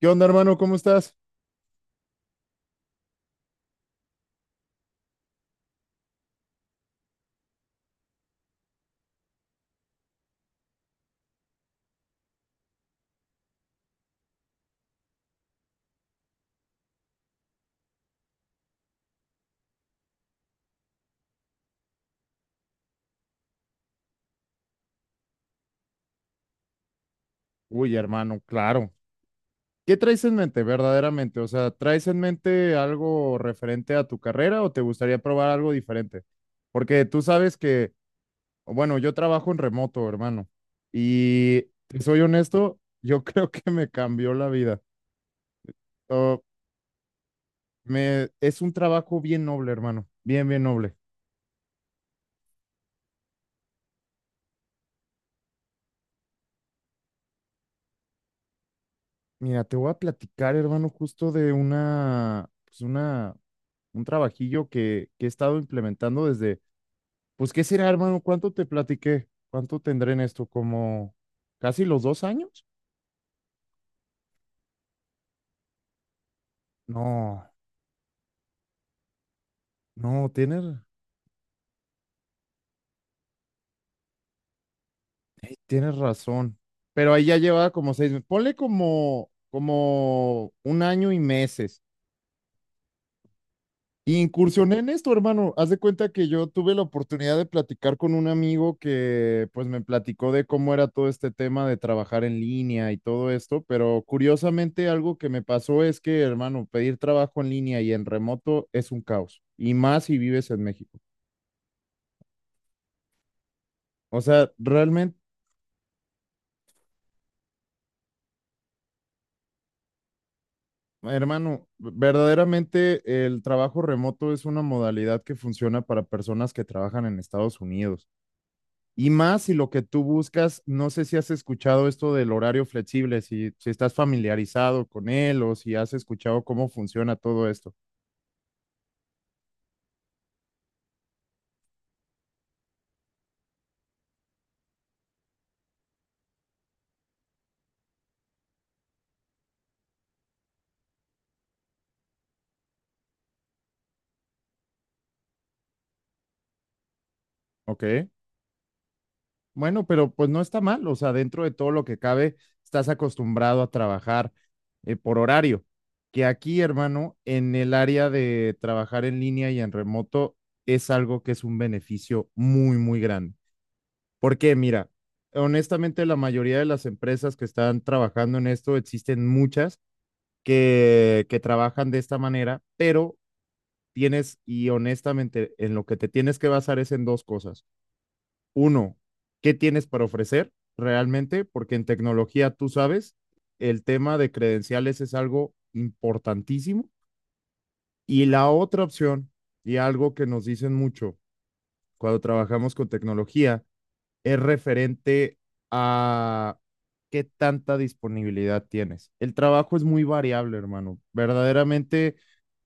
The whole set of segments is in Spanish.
¿Qué onda, hermano? ¿Cómo estás? Uy, hermano, claro. ¿Qué traes en mente verdaderamente? O sea, ¿traes en mente algo referente a tu carrera o te gustaría probar algo diferente? Porque tú sabes que, bueno, yo trabajo en remoto, hermano. Y te soy honesto, yo creo que me cambió la vida. Oh, es un trabajo bien noble, hermano. Bien, bien noble. Mira, te voy a platicar, hermano, justo de un trabajillo que he estado implementando desde. Pues, ¿qué será, hermano? ¿Cuánto te platiqué? ¿Cuánto tendré en esto? ¿Como casi los 2 años? No, no, tienes razón. Pero ahí ya llevaba como 6 meses. Ponle como un año y meses. Y incursioné en esto, hermano. Haz de cuenta que yo tuve la oportunidad de platicar con un amigo que pues me platicó de cómo era todo este tema de trabajar en línea y todo esto, pero curiosamente algo que me pasó es que, hermano, pedir trabajo en línea y en remoto es un caos, y más si vives en México. O sea, realmente, hermano, verdaderamente el trabajo remoto es una modalidad que funciona para personas que trabajan en Estados Unidos. Y más si lo que tú buscas, no sé si has escuchado esto del horario flexible, si estás familiarizado con él o si has escuchado cómo funciona todo esto, ¿ok? Bueno, pero pues no está mal, o sea, dentro de todo lo que cabe, estás acostumbrado a trabajar por horario, que aquí, hermano, en el área de trabajar en línea y en remoto es algo que es un beneficio muy, muy grande. Porque mira, honestamente la mayoría de las empresas que están trabajando en esto, existen muchas que trabajan de esta manera, pero y honestamente, en lo que te tienes que basar es en dos cosas. Uno, ¿qué tienes para ofrecer realmente? Porque en tecnología, tú sabes, el tema de credenciales es algo importantísimo. Y la otra opción, y algo que nos dicen mucho cuando trabajamos con tecnología, es referente a qué tanta disponibilidad tienes. El trabajo es muy variable, hermano. Verdaderamente.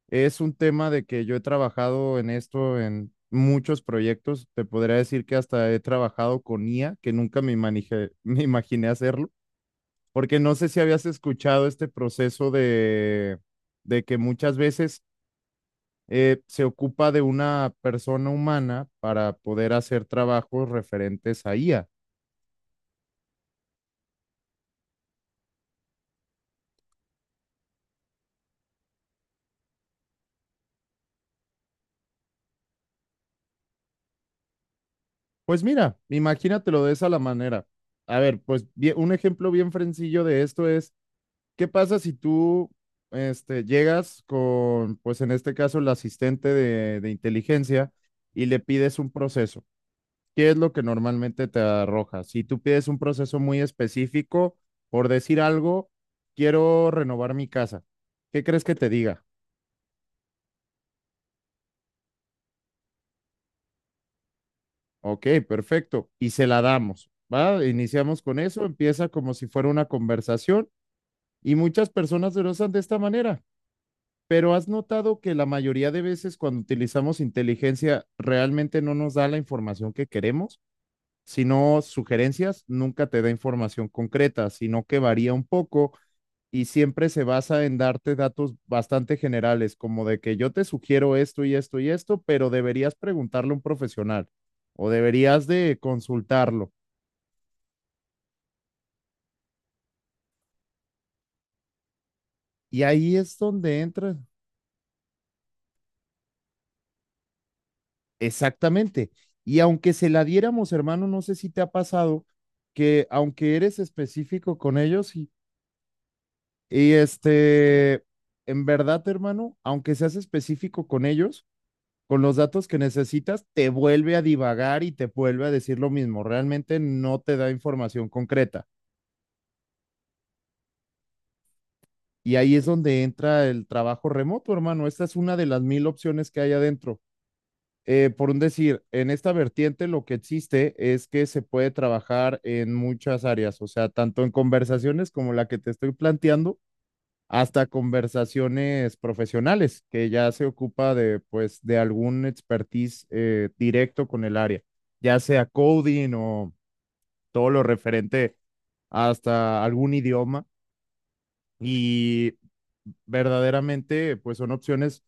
Es un tema de que yo he trabajado en esto en muchos proyectos. Te podría decir que hasta he trabajado con IA, que nunca me imaginé hacerlo, porque no sé si habías escuchado este proceso de que muchas veces se ocupa de una persona humana para poder hacer trabajos referentes a IA. Pues mira, imagínatelo de esa la manera. A ver, un ejemplo bien sencillo de esto es. ¿Qué pasa si tú llegas con, pues en este caso, el asistente de inteligencia y le pides un proceso? ¿Qué es lo que normalmente te arroja? Si tú pides un proceso muy específico, por decir algo, quiero renovar mi casa. ¿Qué crees que te diga? Ok, perfecto. Y se la damos, ¿va? Iniciamos con eso, empieza como si fuera una conversación y muchas personas se lo usan de esta manera. Pero has notado que la mayoría de veces cuando utilizamos inteligencia realmente no nos da la información que queremos, sino sugerencias, nunca te da información concreta, sino que varía un poco y siempre se basa en darte datos bastante generales, como de que yo te sugiero esto y esto y esto, pero deberías preguntarle a un profesional o deberías de consultarlo. Y ahí es donde entra. Exactamente. Y aunque se la diéramos, hermano, no sé si te ha pasado que aunque eres específico con ellos y este, en verdad, hermano, aunque seas específico con ellos, con los datos que necesitas, te vuelve a divagar y te vuelve a decir lo mismo. Realmente no te da información concreta. Y ahí es donde entra el trabajo remoto, hermano. Esta es una de las mil opciones que hay adentro. Por un decir, en esta vertiente lo que existe es que se puede trabajar en muchas áreas, o sea, tanto en conversaciones como la que te estoy planteando, hasta conversaciones profesionales, que ya se ocupa de, pues, de algún expertise directo con el área, ya sea coding o todo lo referente hasta algún idioma. Y verdaderamente, pues son opciones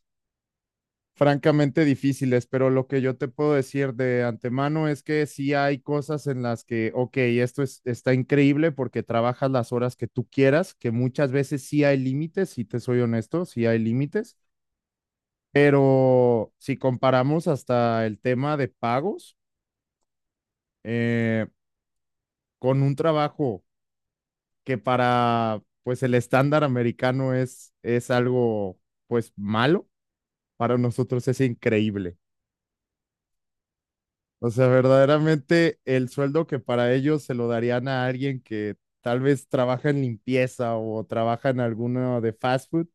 francamente difíciles, pero lo que yo te puedo decir de antemano es que sí hay cosas en las que, ok, está increíble porque trabajas las horas que tú quieras, que muchas veces sí hay límites, si te soy honesto, sí hay límites, pero si comparamos hasta el tema de pagos, eh, con un trabajo que para, pues, el estándar americano es algo, pues, malo, para nosotros es increíble. O sea, verdaderamente el sueldo que para ellos se lo darían a alguien que tal vez trabaja en limpieza o trabaja en alguno de fast food,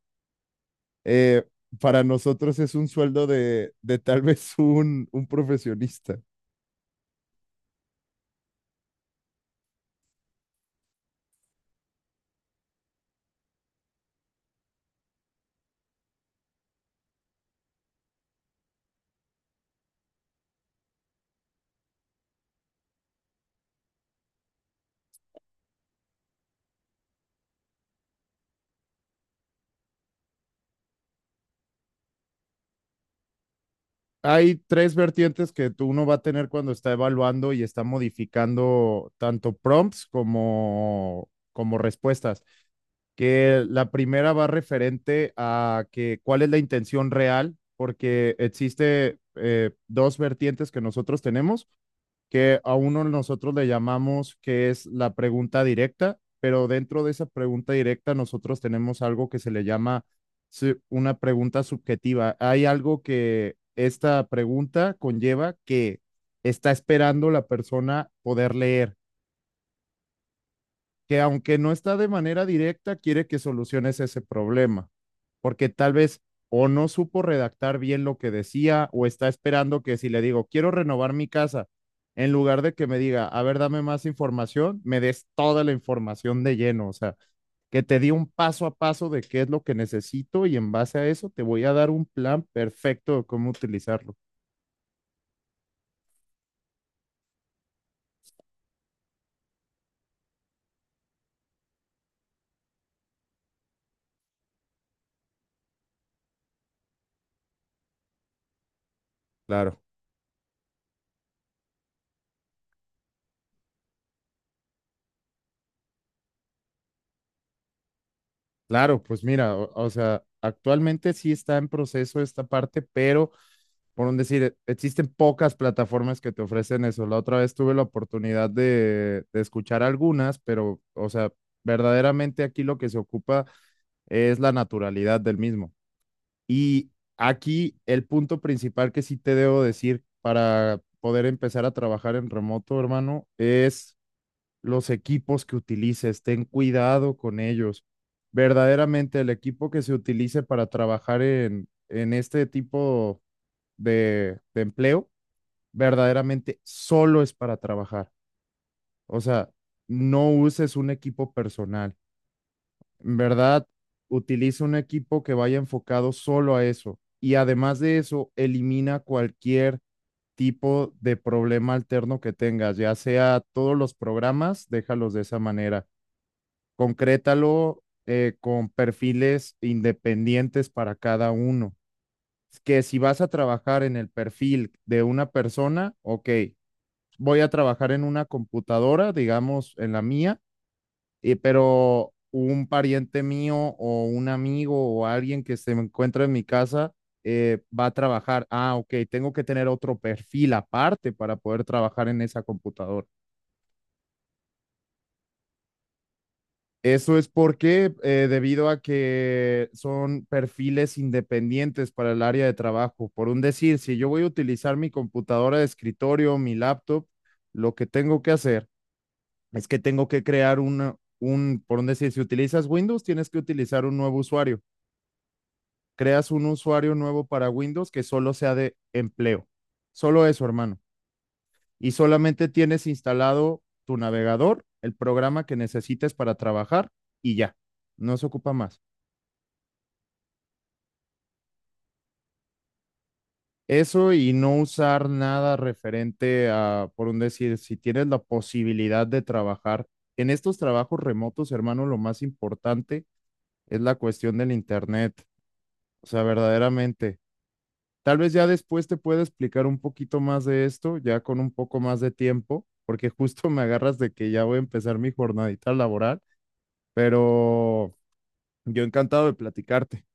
eh, para nosotros es un sueldo de tal vez un profesionista. Hay tres vertientes que tú uno va a tener cuando está evaluando y está modificando tanto prompts como respuestas. Que la primera va referente a que cuál es la intención real, porque existe dos vertientes que nosotros tenemos, que a uno nosotros le llamamos que es la pregunta directa, pero dentro de esa pregunta directa nosotros tenemos algo que se le llama una pregunta subjetiva. Hay algo que esta pregunta conlleva que está esperando la persona poder leer que aunque no está de manera directa, quiere que soluciones ese problema, porque tal vez o no supo redactar bien lo que decía o está esperando que si le digo, quiero renovar mi casa, en lugar de que me diga, a ver, dame más información, me des toda la información de lleno, o sea, que te di un paso a paso de qué es lo que necesito y en base a eso te voy a dar un plan perfecto de cómo utilizarlo. Claro. Claro, pues mira, o sea, actualmente sí está en proceso esta parte, pero por un decir, existen pocas plataformas que te ofrecen eso. La otra vez tuve la oportunidad de escuchar algunas, pero, o sea, verdaderamente aquí lo que se ocupa es la naturalidad del mismo. Y aquí el punto principal que sí te debo decir para poder empezar a trabajar en remoto, hermano, es los equipos que utilices, ten cuidado con ellos. Verdaderamente el equipo que se utilice para trabajar en este tipo de empleo, verdaderamente solo es para trabajar. O sea, no uses un equipo personal. En verdad, utiliza un equipo que vaya enfocado solo a eso. Y además de eso, elimina cualquier tipo de problema alterno que tengas, ya sea todos los programas, déjalos de esa manera. Concrétalo con perfiles independientes para cada uno. Que si vas a trabajar en el perfil de una persona, ok, voy a trabajar en una computadora, digamos, en la mía, pero un pariente mío o un amigo o alguien que se encuentra en mi casa va a trabajar. Ah, ok, tengo que tener otro perfil aparte para poder trabajar en esa computadora. Eso es debido a que son perfiles independientes para el área de trabajo. Por un decir, si yo voy a utilizar mi computadora de escritorio, mi laptop, lo que tengo que hacer es que tengo que crear. Por un decir, si utilizas Windows, tienes que utilizar un nuevo usuario. Creas un usuario nuevo para Windows que solo sea de empleo. Solo eso, hermano. Y solamente tienes instalado tu navegador, el programa que necesites para trabajar y ya. No se ocupa más. Eso y no usar nada referente a, por un decir, si tienes la posibilidad de trabajar en estos trabajos remotos, hermano, lo más importante es la cuestión del internet. O sea, verdaderamente. Tal vez ya después te pueda explicar un poquito más de esto, ya con un poco más de tiempo, porque justo me agarras de que ya voy a empezar mi jornadita laboral, pero yo encantado de platicarte.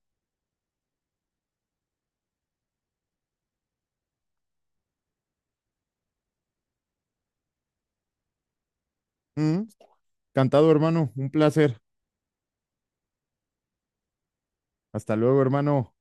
Mm, Encantado, hermano. Un placer. Hasta luego, hermano.